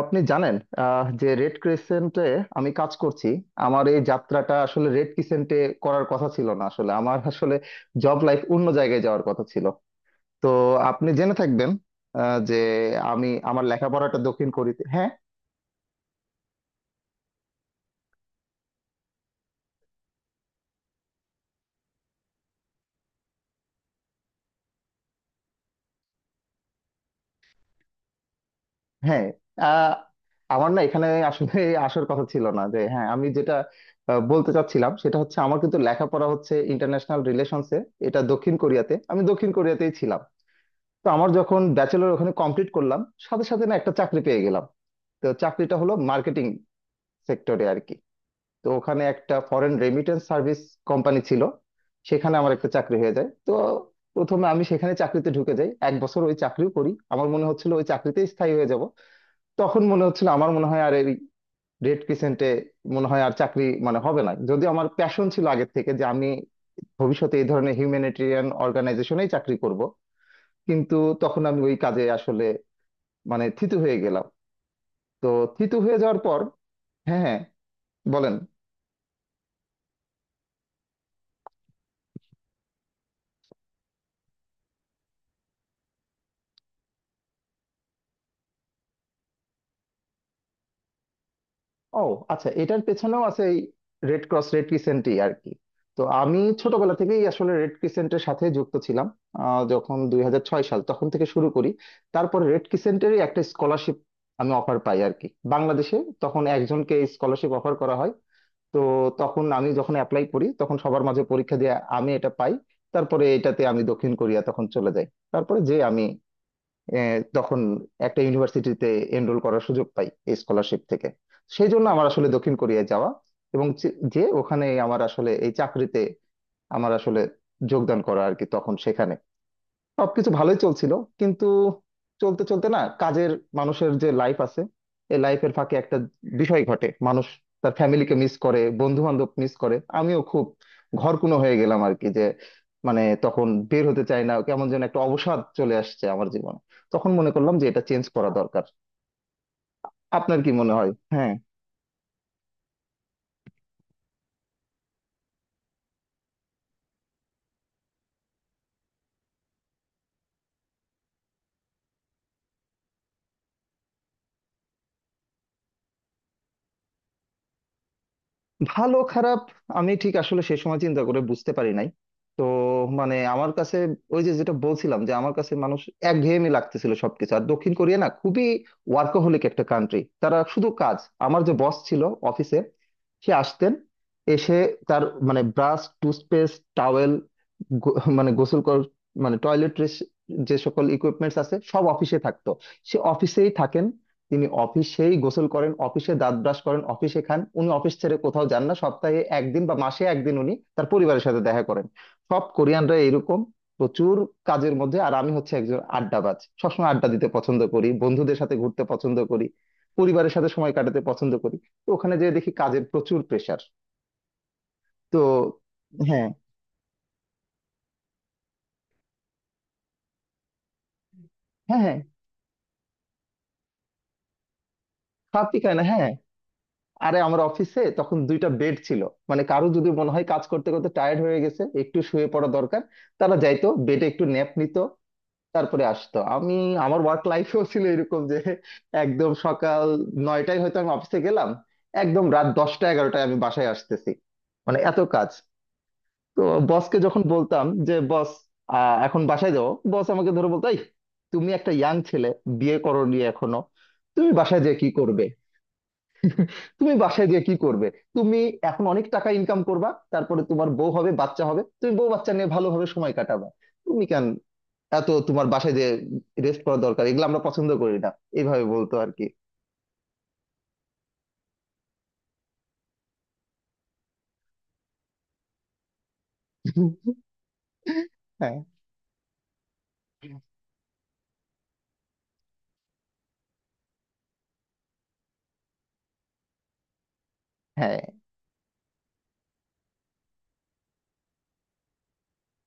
আপনি জানেন যে রেড ক্রিসেন্টে আমি কাজ করছি। আমার এই যাত্রাটা আসলে রেড ক্রিসেন্টে করার কথা ছিল না, আসলে আমার জব লাইফ অন্য জায়গায় যাওয়ার কথা ছিল। তো আপনি জেনে থাকবেন যে আমি আমার লেখাপড়াটা দক্ষিণ কোরিয়াতে। হ্যাঁ, হ্যাঁ। আহ, আমার না এখানে আসলে আসার কথা ছিল না যে। হ্যাঁ, আমি যেটা বলতে চাচ্ছিলাম সেটা হচ্ছে আমার কিন্তু লেখাপড়া হচ্ছে ইন্টারন্যাশনাল রিলেশনসে। এটা দক্ষিণ কোরিয়াতে, আমি দক্ষিণ কোরিয়াতেই ছিলাম। তো আমার যখন ব্যাচেলর ওখানে কমপ্লিট করলাম, সাথে সাথে না একটা চাকরি পেয়ে গেলাম। তো চাকরিটা হলো মার্কেটিং সেক্টরে আর কি। তো ওখানে একটা ফরেন রেমিটেন্স সার্ভিস কোম্পানি ছিল, সেখানে আমার একটা চাকরি হয়ে যায়। তো প্রথমে আমি সেখানে চাকরিতে ঢুকে যাই, 1 বছর ওই চাকরিও করি। আমার মনে হচ্ছিল ওই চাকরিতে স্থায়ী হয়ে যাব। তখন মনে হচ্ছিল আমার মনে হয় আর এই রেড ক্রিসেন্টে মনে হয় আর চাকরি মানে হবে না। যদি আমার প্যাশন ছিল আগের থেকে যে আমি ভবিষ্যতে এই ধরনের হিউম্যানিটেরিয়ান অর্গানাইজেশনেই চাকরি করব, কিন্তু তখন আমি ওই কাজে আসলে মানে থিতু হয়ে গেলাম। তো থিতু হয়ে যাওয়ার পর হ্যাঁ, হ্যাঁ, বলেন। ও আচ্ছা, এটার পেছনেও আছে এই রেড ক্রস রেড ক্রিসেন্টই আর কি। তো আমি ছোটবেলা থেকেই আসলে রেড ক্রিসেন্টের সাথে যুক্ত ছিলাম। যখন 2006 সাল তখন থেকে শুরু করি। তারপর রেড ক্রিসেন্টেরই একটা স্কলারশিপ আমি অফার পাই আর কি, বাংলাদেশে তখন একজনকে স্কলারশিপ অফার করা হয়। তো তখন আমি যখন অ্যাপ্লাই করি, তখন সবার মাঝে পরীক্ষা দিয়ে আমি এটা পাই। তারপরে এটাতে আমি দক্ষিণ কোরিয়া তখন চলে যাই। তারপরে যে আমি এ, তখন একটা ইউনিভার্সিটিতে এনরোল করার সুযোগ পাই এই স্কলারশিপ থেকে। সেই জন্য আমার আসলে দক্ষিণ কোরিয়ায় যাওয়া এবং যে যে ওখানে আমার আসলে এই চাকরিতে আমার আসলে যোগদান করা আর কি। তখন সেখানে সবকিছু ভালোই চলছিল, কিন্তু চলতে চলতে না কাজের মানুষের যে লাইফ আছে, এই লাইফের ফাঁকে একটা বিষয় ঘটে, মানুষ তার ফ্যামিলিকে মিস করে, বন্ধু বান্ধব মিস করে। আমিও খুব ঘরকুনো হয়ে গেলাম আর কি। যে মানে তখন বের হতে চাই না, কেমন যেন একটা অবসাদ চলে আসছে আমার জীবনে। তখন মনে করলাম যে এটা চেঞ্জ করা দরকার, আপনার কি মনে হয়? হ্যাঁ, ভালো খারাপ আমি ঠিক আসলে সেই সময় চিন্তা করে বুঝতে পারি নাই। তো মানে আমার কাছে ওই যে যেটা বলছিলাম, যে আমার কাছে মানুষ একঘেয়েমি লাগতেছিল সবকিছু। আর দক্ষিণ কোরিয়া না খুবই ওয়ার্কাহলিক একটা কান্ট্রি, তারা শুধু কাজ। আমার যে বস ছিল অফিসে, সে আসতেন, এসে তার মানে ব্রাশ, টুথপেস্ট, টাওয়েল, মানে গোসল কর, মানে টয়লেট, যে সকল ইকুইপমেন্টস আছে সব অফিসে থাকতো। সে অফিসেই থাকেন, তিনি অফিসেই গোসল করেন, অফিসে দাঁত ব্রাশ করেন, অফিসে খান, উনি অফিস ছেড়ে কোথাও যান না। সপ্তাহে একদিন বা মাসে একদিন উনি তার পরিবারের সাথে দেখা করেন। সব কোরিয়ানরা এরকম, প্রচুর কাজের মধ্যে। আর আমি হচ্ছে একজন আড্ডাবাজ, সবসময় আড্ডা দিতে পছন্দ করি, বন্ধুদের সাথে ঘুরতে পছন্দ করি, পরিবারের সাথে সময় কাটাতে পছন্দ করি। তো ওখানে যেয়ে দেখি কাজের প্রচুর প্রেসার। তো হ্যাঁ, হ্যাঁ, হ্যাঁ, খাপই খায় না, হ্যাঁ। আরে আমার অফিসে তখন 2টা বেড ছিল। মানে কারো যদি মনে হয় কাজ করতে করতে টায়ার্ড হয়ে গেছে, একটু শুয়ে পড়া দরকার, তারা যাইতো বেডে, একটু ন্যাপ নিত, তারপরে আসতো। আমি, আমার ওয়ার্ক লাইফেও ছিল এরকম যে একদম সকাল 9টায় হয়তো আমি অফিসে গেলাম, একদম রাত 10টা 11টায় আমি বাসায় আসতেছি, মানে এত কাজ। তো বসকে যখন বলতাম যে বস এখন বাসায় যাও, বস আমাকে ধরে বলতো, "এই, তুমি একটা ইয়াং ছেলে, বিয়ে করোনি এখনো, তুমি বাসায় যেয়ে কি করবে? তুমি বাসায় গিয়ে কি করবে? তুমি এখন অনেক টাকা ইনকাম করবা, তারপরে তোমার বউ হবে, বাচ্চা হবে, তুমি বউ বাচ্চা নিয়ে ভালোভাবে সময় কাটাবা। তুমি কেন এত, তোমার বাসায় যে রেস্ট করা দরকার এগুলো আমরা পছন্দ করি না।" এইভাবে বলতো আর কি। হ্যাঁ, হ্যাঁ,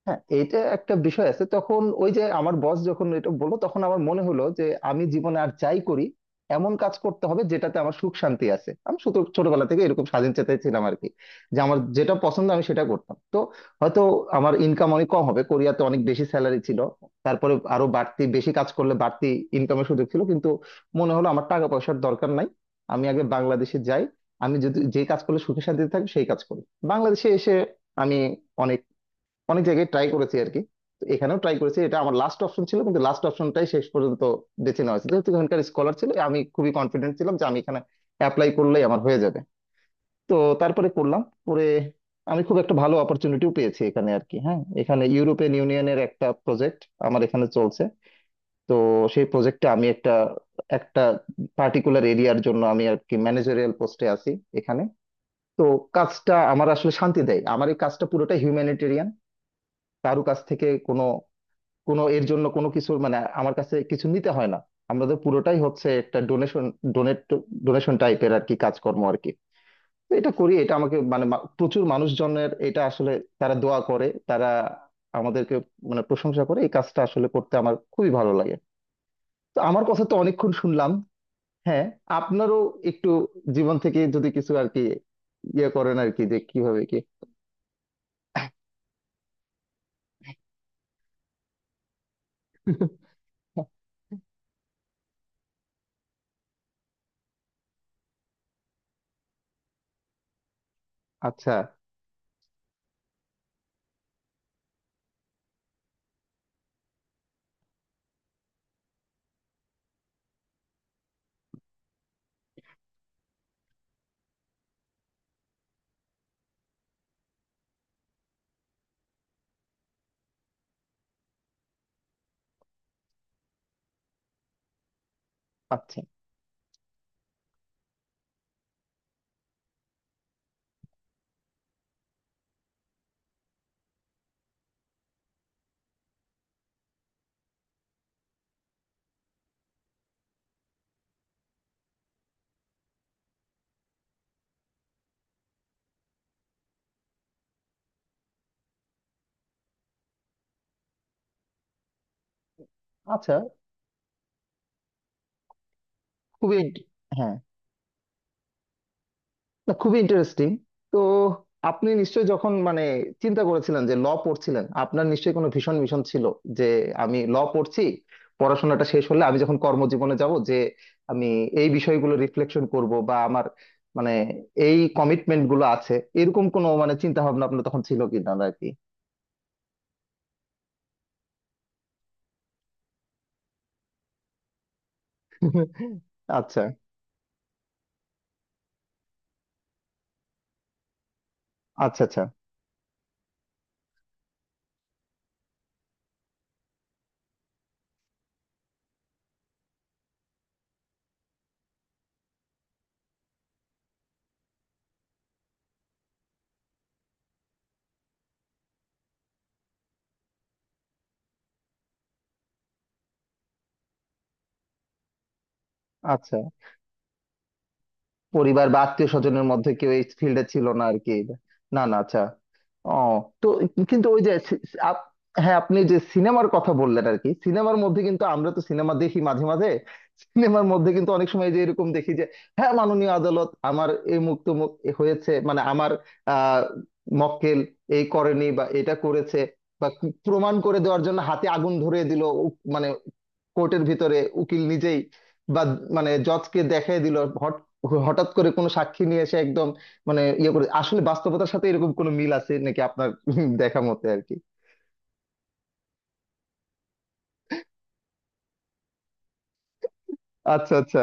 হ্যাঁ, এটা একটা বিষয় আছে। তখন ওই যে আমার বস যখন এটা বললো, তখন আমার মনে হলো যে আমি জীবনে আর যাই করি, এমন কাজ করতে হবে যেটাতে আমার সুখ শান্তি আছে। আমি শুধু ছোটবেলা থেকে এরকম স্বাধীন চেতাই ছিলাম আর কি, যে আমার যেটা পছন্দ আমি সেটা করতাম। তো হয়তো আমার ইনকাম অনেক কম হবে, কোরিয়াতে অনেক বেশি স্যালারি ছিল, তারপরে আরো বাড়তি বেশি কাজ করলে বাড়তি ইনকামের সুযোগ ছিল, কিন্তু মনে হলো আমার টাকা পয়সার দরকার নাই, আমি আগে বাংলাদেশে যাই, আমি যদি যে কাজ করলে সুখে শান্তিতে থাকবো সেই কাজ করি। বাংলাদেশে এসে আমি অনেক অনেক জায়গায় ট্রাই করেছি আর কি। তো এখানেও ট্রাই করেছি, এটা আমার লাস্ট অপশন ছিল, কিন্তু লাস্ট অপশনটাই শেষ পর্যন্ত বেছে নেওয়া হয়েছে। যেহেতু এখানকার স্কলার ছিল, আমি খুবই কনফিডেন্ট ছিলাম যে আমি এখানে অ্যাপ্লাই করলেই আমার হয়ে যাবে। তো তারপরে করলাম। পরে আমি খুব একটা ভালো অপরচুনিটিও পেয়েছি এখানে আর কি। হ্যাঁ, এখানে ইউরোপিয়ান ইউনিয়নের একটা প্রজেক্ট আমার এখানে চলছে। তো সেই প্রজেক্টে আমি একটা একটা পার্টিকুলার এরিয়ার জন্য আমি আর কি ম্যানেজারিয়াল পোস্টে আছি এখানে। তো কাজটা আমার আসলে শান্তি দেয়, আমার এই কাজটা পুরোটা হিউম্যানিটেরিয়ান। কারো কাছ থেকে কোনো কোনো এর জন্য কোনো কিছু মানে আমার কাছে কিছু নিতে হয় না। আমাদের পুরোটাই হচ্ছে একটা ডোনেশন, ডোনেট, ডোনেশন টাইপের আর কি কাজকর্ম আর কি। তো এটা করি, এটা আমাকে মানে প্রচুর মানুষজনের এটা আসলে, তারা দোয়া করে, তারা আমাদেরকে মানে প্রশংসা করে, এই কাজটা আসলে করতে আমার খুবই ভালো লাগে। তো আমার কথা তো অনেকক্ষণ শুনলাম। হ্যাঁ, আপনারও একটু জীবন থেকে যদি কিছু আর কি ইয়ে করেন আর কি, যে কিভাবে কি। আচ্ছা, আচ্ছা, আচ্ছা, খুবই হ্যাঁ, না খুবই ইন্টারেস্টিং। তো আপনি নিশ্চয়ই যখন মানে চিন্তা করেছিলেন যে ল পড়ছিলেন, আপনার নিশ্চয়ই কোনো ভীষণ মিশন ছিল যে আমি ল পড়ছি, পড়াশোনাটা শেষ হলে আমি যখন কর্মজীবনে যাব, যে আমি এই বিষয়গুলো রিফ্লেকশন করব বা আমার মানে এই কমিটমেন্ট গুলো আছে, এরকম কোনো মানে চিন্তা ভাবনা আপনার তখন ছিল কিনা আর কি। আচ্ছা, আচ্ছা, আচ্ছা, আচ্ছা, পরিবার বা আত্মীয় স্বজনের মধ্যে কেউ এই ফিল্ডে ছিল না আর কি। না, না, আচ্ছা, ও। তো কিন্তু ওই যে সি- সি- আপ- হ্যাঁ, আপনি যে সিনেমার কথা বললেন আর কি, সিনেমার মধ্যে কিন্তু, আমরা তো সিনেমা দেখি মাঝে মাঝে, সিনেমার মধ্যে কিন্তু অনেক সময় যে এরকম দেখি যে হ্যাঁ, মাননীয় আদালত আমার এই মুক্ত এ হয়েছে মানে আমার আহ মক্কেল এই করেনি বা এটা করেছে, বা প্রমাণ করে দেওয়ার জন্য হাতে আগুন ধরিয়ে দিল, মানে কোর্টের ভিতরে উকিল নিজেই, বা মানে জজকে দেখাই দিল, হট- হঠাৎ করে কোনো সাক্ষী নিয়ে এসে একদম মানে ইয়ে করে, আসলে বাস্তবতার সাথে এরকম কোনো মিল আছে নাকি আপনার দেখা মতে আর কি। আচ্ছা, আচ্ছা,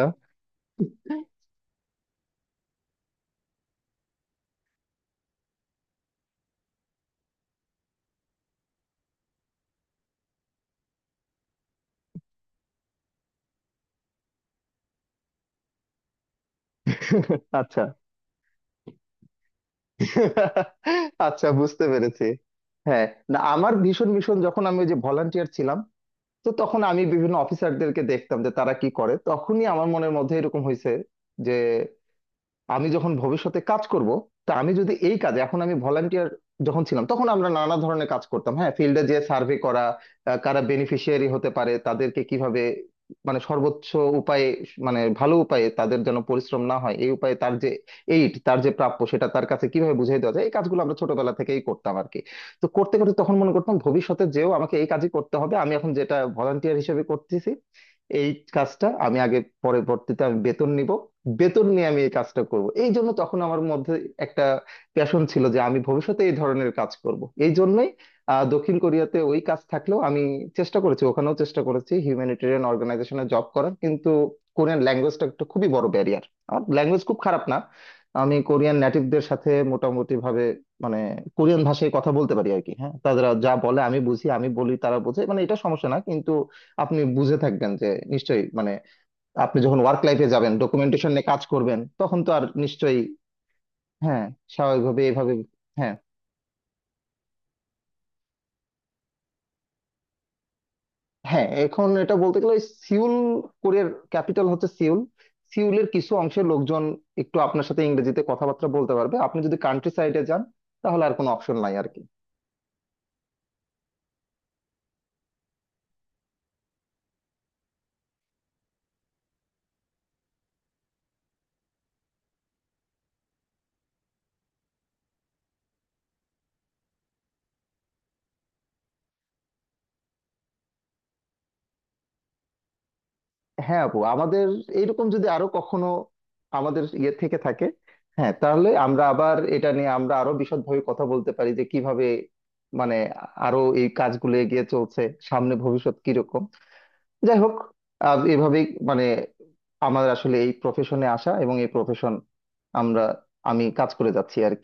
আচ্ছা, আচ্ছা, বুঝতে পেরেছি। হ্যাঁ, না আমার ভীষণ ভীষণ, যখন আমি ওই যে ভলান্টিয়ার ছিলাম, তো তখন আমি বিভিন্ন অফিসারদেরকে দেখতাম যে তারা কি করে, তখনই আমার মনের মধ্যে এরকম হয়েছে আমি যখন ভবিষ্যতে কাজ করব, তা আমি যদি এই কাজে, এখন আমি ভলান্টিয়ার যখন ছিলাম তখন আমরা নানা ধরনের কাজ করতাম। হ্যাঁ, ফিল্ডে যে সার্ভে করা, কারা বেনিফিশিয়ারি হতে পারে, তাদেরকে কিভাবে মানে সর্বোচ্চ উপায়ে, মানে ভালো উপায়ে তাদের যেন পরিশ্রম না হয়, এই উপায়ে তার যে এইড, তার যে প্রাপ্য সেটা তার কাছে কিভাবে বুঝিয়ে দেওয়া যায়, এই কাজগুলো আমরা ছোটবেলা থেকেই করতাম আর কি। তো করতে করতে তখন মনে করতাম ভবিষ্যতে যেও আমাকে এই কাজই করতে হবে, আমি এখন যেটা ভলান্টিয়ার হিসেবে করতেছি এই কাজটা আমি আগে, পরবর্তীতে আমি বেতন নিব, বেতন নিয়ে আমি এই কাজটা করব। এই জন্য তখন আমার মধ্যে একটা প্যাশন ছিল যে আমি ভবিষ্যতে এই ধরনের কাজ করব। এই জন্যই দক্ষিণ কোরিয়াতে ওই কাজ থাকলেও আমি চেষ্টা করেছি, ওখানেও চেষ্টা করেছি হিউম্যানিটেরিয়ান অর্গানাইজেশনে জব করার, কিন্তু কোরিয়ান ল্যাঙ্গুয়েজটা একটা খুবই বড় ব্যারিয়ার। আমার ল্যাঙ্গুয়েজ খুব খারাপ না, আমি কোরিয়ান নেটিভদের সাথে মোটামুটি ভাবে মানে কোরিয়ান ভাষায় কথা বলতে পারি আর কি। হ্যাঁ, তারা যা বলে আমি বুঝি, আমি বলি তারা বোঝে, মানে এটা সমস্যা না, কিন্তু আপনি বুঝে থাকবেন যে নিশ্চয়ই মানে, আপনি যখন ওয়ার্ক লাইফে যাবেন, ডকুমেন্টেশন নিয়ে কাজ করবেন, তখন তো আর নিশ্চয়ই হ্যাঁ, স্বাভাবিকভাবে এভাবে। হ্যাঁ, হ্যাঁ, এখন এটা বলতে গেলে ওই সিউল, কোরিয়ার ক্যাপিটাল হচ্ছে সিউল, সিউলের কিছু অংশের লোকজন একটু আপনার সাথে ইংরেজিতে কথাবার্তা বলতে পারবে, আপনি যদি কান্ট্রি সাইডে যান তাহলে আর কোনো অপশন নাই আর কি। হ্যাঁ, আপু আমাদের এইরকম যদি আরো কখনো আমাদের ইয়ে থেকে থাকে, হ্যাঁ তাহলে আমরা আবার এটা নিয়ে আমরা আরো বিশদভাবে কথা বলতে পারি, যে কিভাবে মানে আরো এই কাজগুলো এগিয়ে চলছে, সামনে ভবিষ্যৎ কিরকম। যাই হোক, এভাবেই মানে আমার আসলে এই প্রফেশনে আসা এবং এই প্রফেশন আমরা আমি কাজ করে যাচ্ছি আর কি।